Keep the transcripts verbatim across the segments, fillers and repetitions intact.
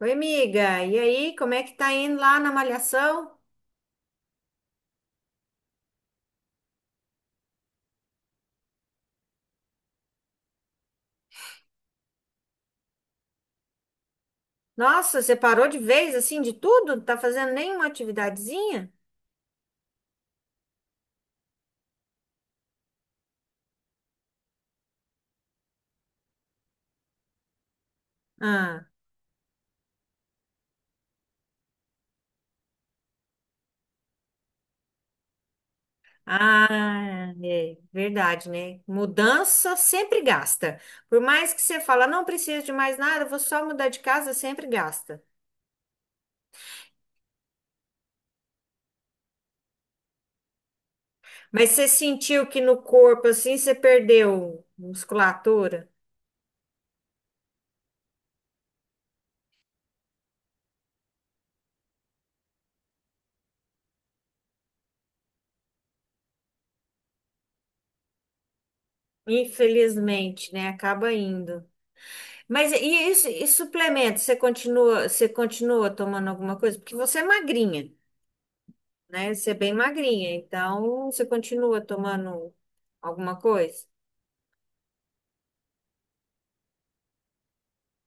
Oi, amiga. E aí, como é que tá indo lá na malhação? Nossa, você parou de vez assim de tudo? Não tá fazendo nenhuma atividadezinha? Ah, ah, é verdade, né? Mudança sempre gasta. Por mais que você fala, não preciso de mais nada, vou só mudar de casa, sempre gasta. Mas você sentiu que no corpo assim você perdeu musculatura? Infelizmente, né? Acaba indo. Mas e, isso, e suplemento? Você continua, você continua tomando alguma coisa? Porque você é magrinha, né? Você é bem magrinha, então você continua tomando alguma coisa?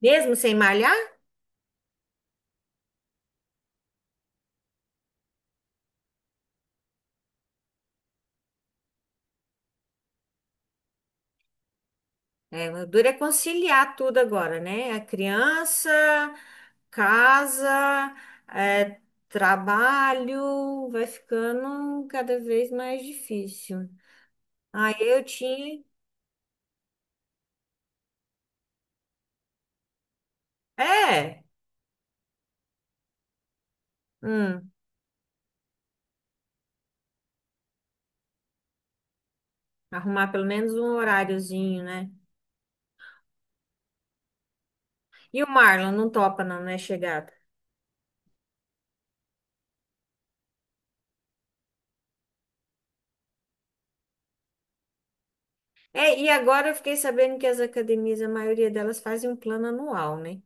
Mesmo sem malhar? É, o duro é conciliar tudo agora, né? A criança, casa, é, trabalho, vai ficando cada vez mais difícil. Aí eu tinha. É, hum, arrumar pelo menos um horáriozinho, né? E o Marlon não topa, não, não é chegada. É, e agora eu fiquei sabendo que as academias, a maioria delas fazem um plano anual, né?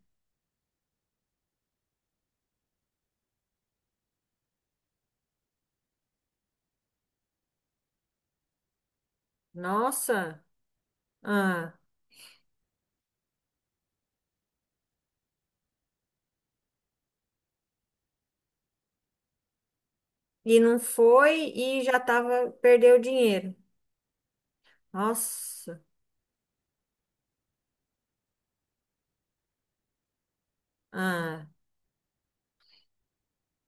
Nossa! Ah, e não foi e já tava, perdeu o dinheiro. Nossa! Ah,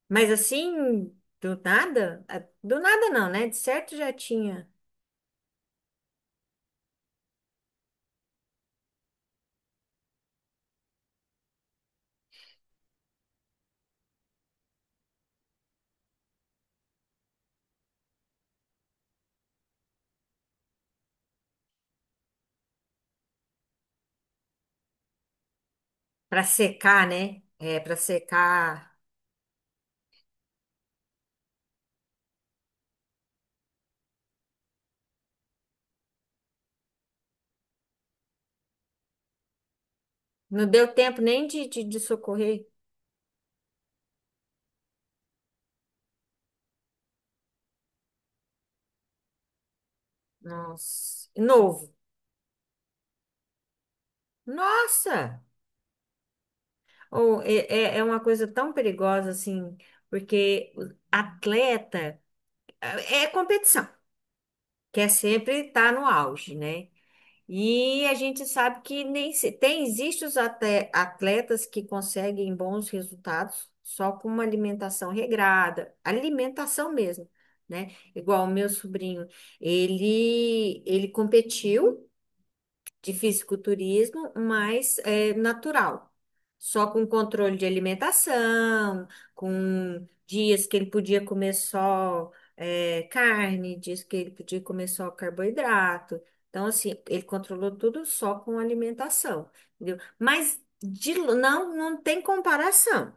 mas assim, do nada? Ah, do nada não, né? De certo já tinha. Pra secar, né? É, pra secar. Não deu tempo nem de, de, de socorrer. Nossa! Novo. Nossa! Ou é, é é uma coisa tão perigosa assim, porque o atleta é é competição, quer sempre estar no auge, né? E a gente sabe que nem se- tem existem os ate- atletas que conseguem bons resultados só com uma alimentação regrada, alimentação mesmo, né? Igual o meu sobrinho, ele ele competiu de fisiculturismo, mas é natural. Só com controle de alimentação, com dias que ele podia comer só é, carne, dias que ele podia comer só carboidrato. Então, assim, ele controlou tudo só com alimentação, entendeu? Mas de lo- não, não tem comparação.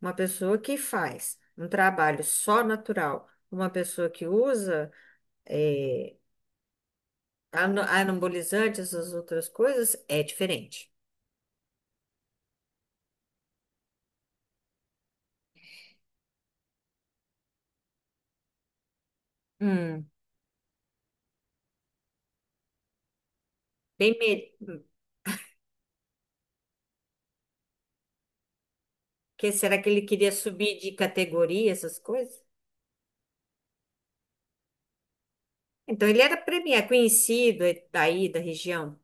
Uma pessoa que faz um trabalho só natural, uma pessoa que usa é, ano- anabolizante, essas outras coisas, é diferente. Hum, bem, me- que será que ele queria subir de categoria, essas coisas? Então ele era premiado, conhecido daí da região.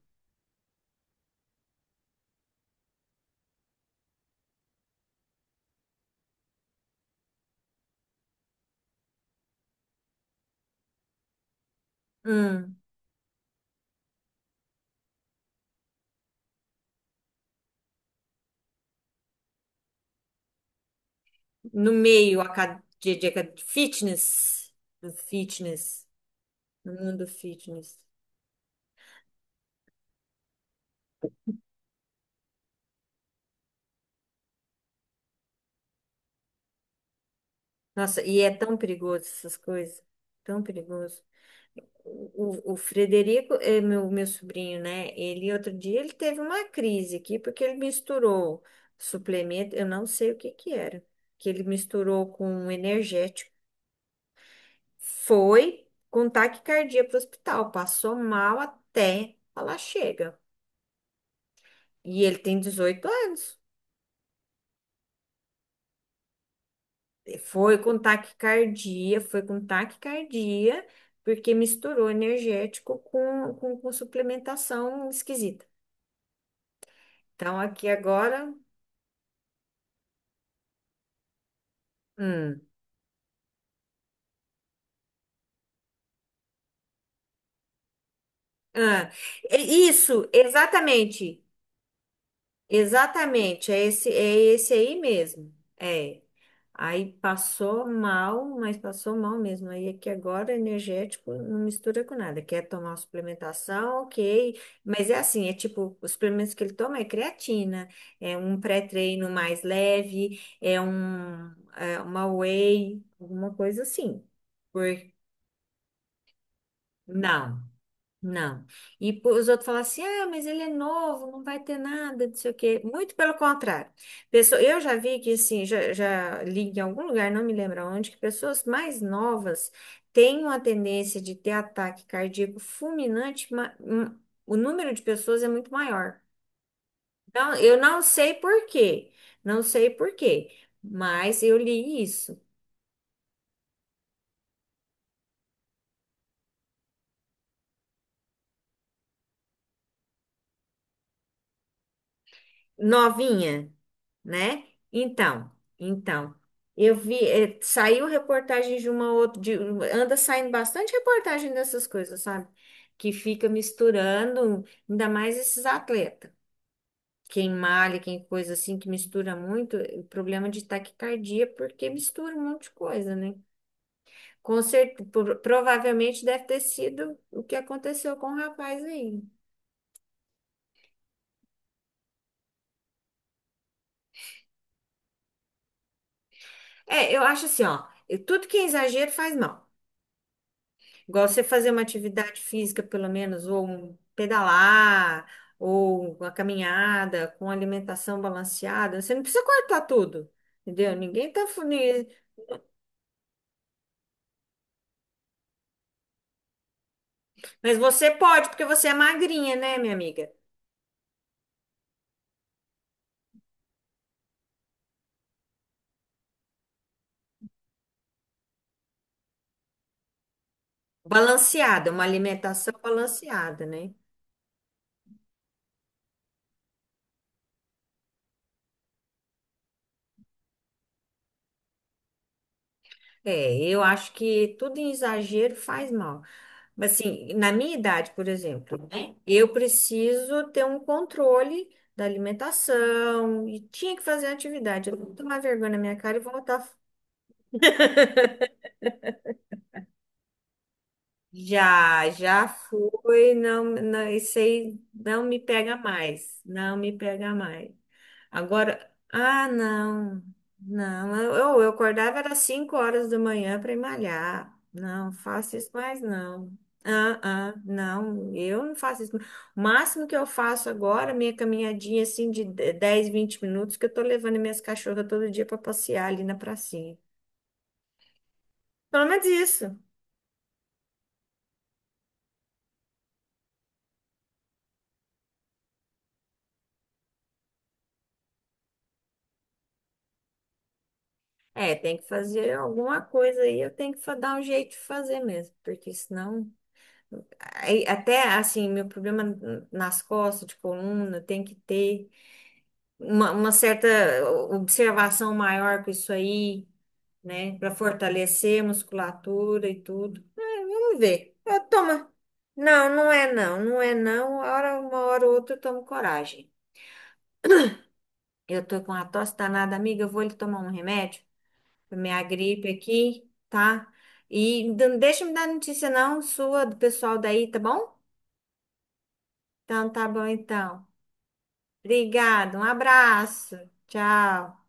Hum, no meio aca- de, de aca- de fitness, do fitness, no mundo fitness. Nossa, e é tão perigoso essas coisas, tão perigoso. O, o Frederico é meu, meu sobrinho, né? Ele outro dia ele teve uma crise aqui porque ele misturou suplemento, eu não sei o que que era, que ele misturou com um energético, foi com taquicardia para o hospital, passou mal até falar chega. E ele tem dezoito anos. E Foi com taquicardia, foi com taquicardia, porque misturou energético com, com, com suplementação esquisita. Então aqui agora. hum, Ah, é isso, exatamente, exatamente, é esse, é esse aí mesmo. É. Aí passou mal, mas passou mal mesmo. Aí é que agora energético não mistura com nada. Quer tomar uma suplementação, ok. Mas é assim, é tipo, os suplementos que ele toma é creatina, é um pré-treino mais leve, é um, é uma whey, alguma coisa assim. Por... Não. Não. E pô, os outros falam assim: ah, mas ele é novo, não vai ter nada, não sei o quê. Muito pelo contrário. Pessoa, eu já vi que, assim, já, já li em algum lugar, não me lembro onde, que pessoas mais novas têm uma tendência de ter ataque cardíaco fulminante, ma- um- o número de pessoas é muito maior. Então, eu não sei por quê, não sei por quê, mas eu li isso. Novinha, né? Então, então, eu vi, eh, saiu reportagem de uma outra, de- anda saindo bastante reportagem dessas coisas, sabe? Que fica misturando, ainda mais esses atletas. Quem malha, quem coisa assim, que mistura muito, eh, problema de taquicardia, porque mistura um monte de coisa, né? Com certeza, provavelmente deve ter sido o que aconteceu com o rapaz aí. É, eu acho assim, ó, eu- tudo que é exagero faz mal. Igual você fazer uma atividade física, pelo menos, ou um pedalar, ou uma caminhada com alimentação balanceada. Você não precisa cortar tudo, entendeu? Ninguém tá. fu- ni- Mas você pode, porque você é magrinha, né, minha amiga? Balanceada, uma alimentação balanceada, né? É, eu acho que tudo em exagero faz mal. Mas assim, na minha idade, por exemplo, né, eu preciso ter um controle da alimentação e tinha que fazer atividade. Eu vou tomar vergonha na minha cara e vou botar. Já, já fui, não, não, isso aí não me pega mais, não me pega mais. Agora, ah, não, não, eu, eu acordava era cinco horas da manhã para ir malhar. Não, faço isso mais não. Ah, ah, não, eu não faço isso. O máximo que eu faço agora, minha caminhadinha assim de de- dez, vinte minutos, que eu tô levando minhas cachorras todo dia para passear ali na pracinha. Pelo menos isso. É, tem que fazer alguma coisa aí, eu tenho que fa- dar um jeito de fazer mesmo, porque senão. Aí, até assim, meu problema nas costas, de coluna, tem que ter uma, uma certa observação maior com isso aí, né? Para fortalecer a musculatura e tudo. É, vamos ver. Eu tomo. Não, não é não, não é não. Uma hora, uma hora ou outra eu tomo coragem. Eu tô com a tosse danada, amiga. Eu vou lhe tomar um remédio para minha gripe aqui, tá? E não deixa me dar notícia não sua, do pessoal daí, tá bom? Então tá bom então. Obrigada, um abraço. Tchau.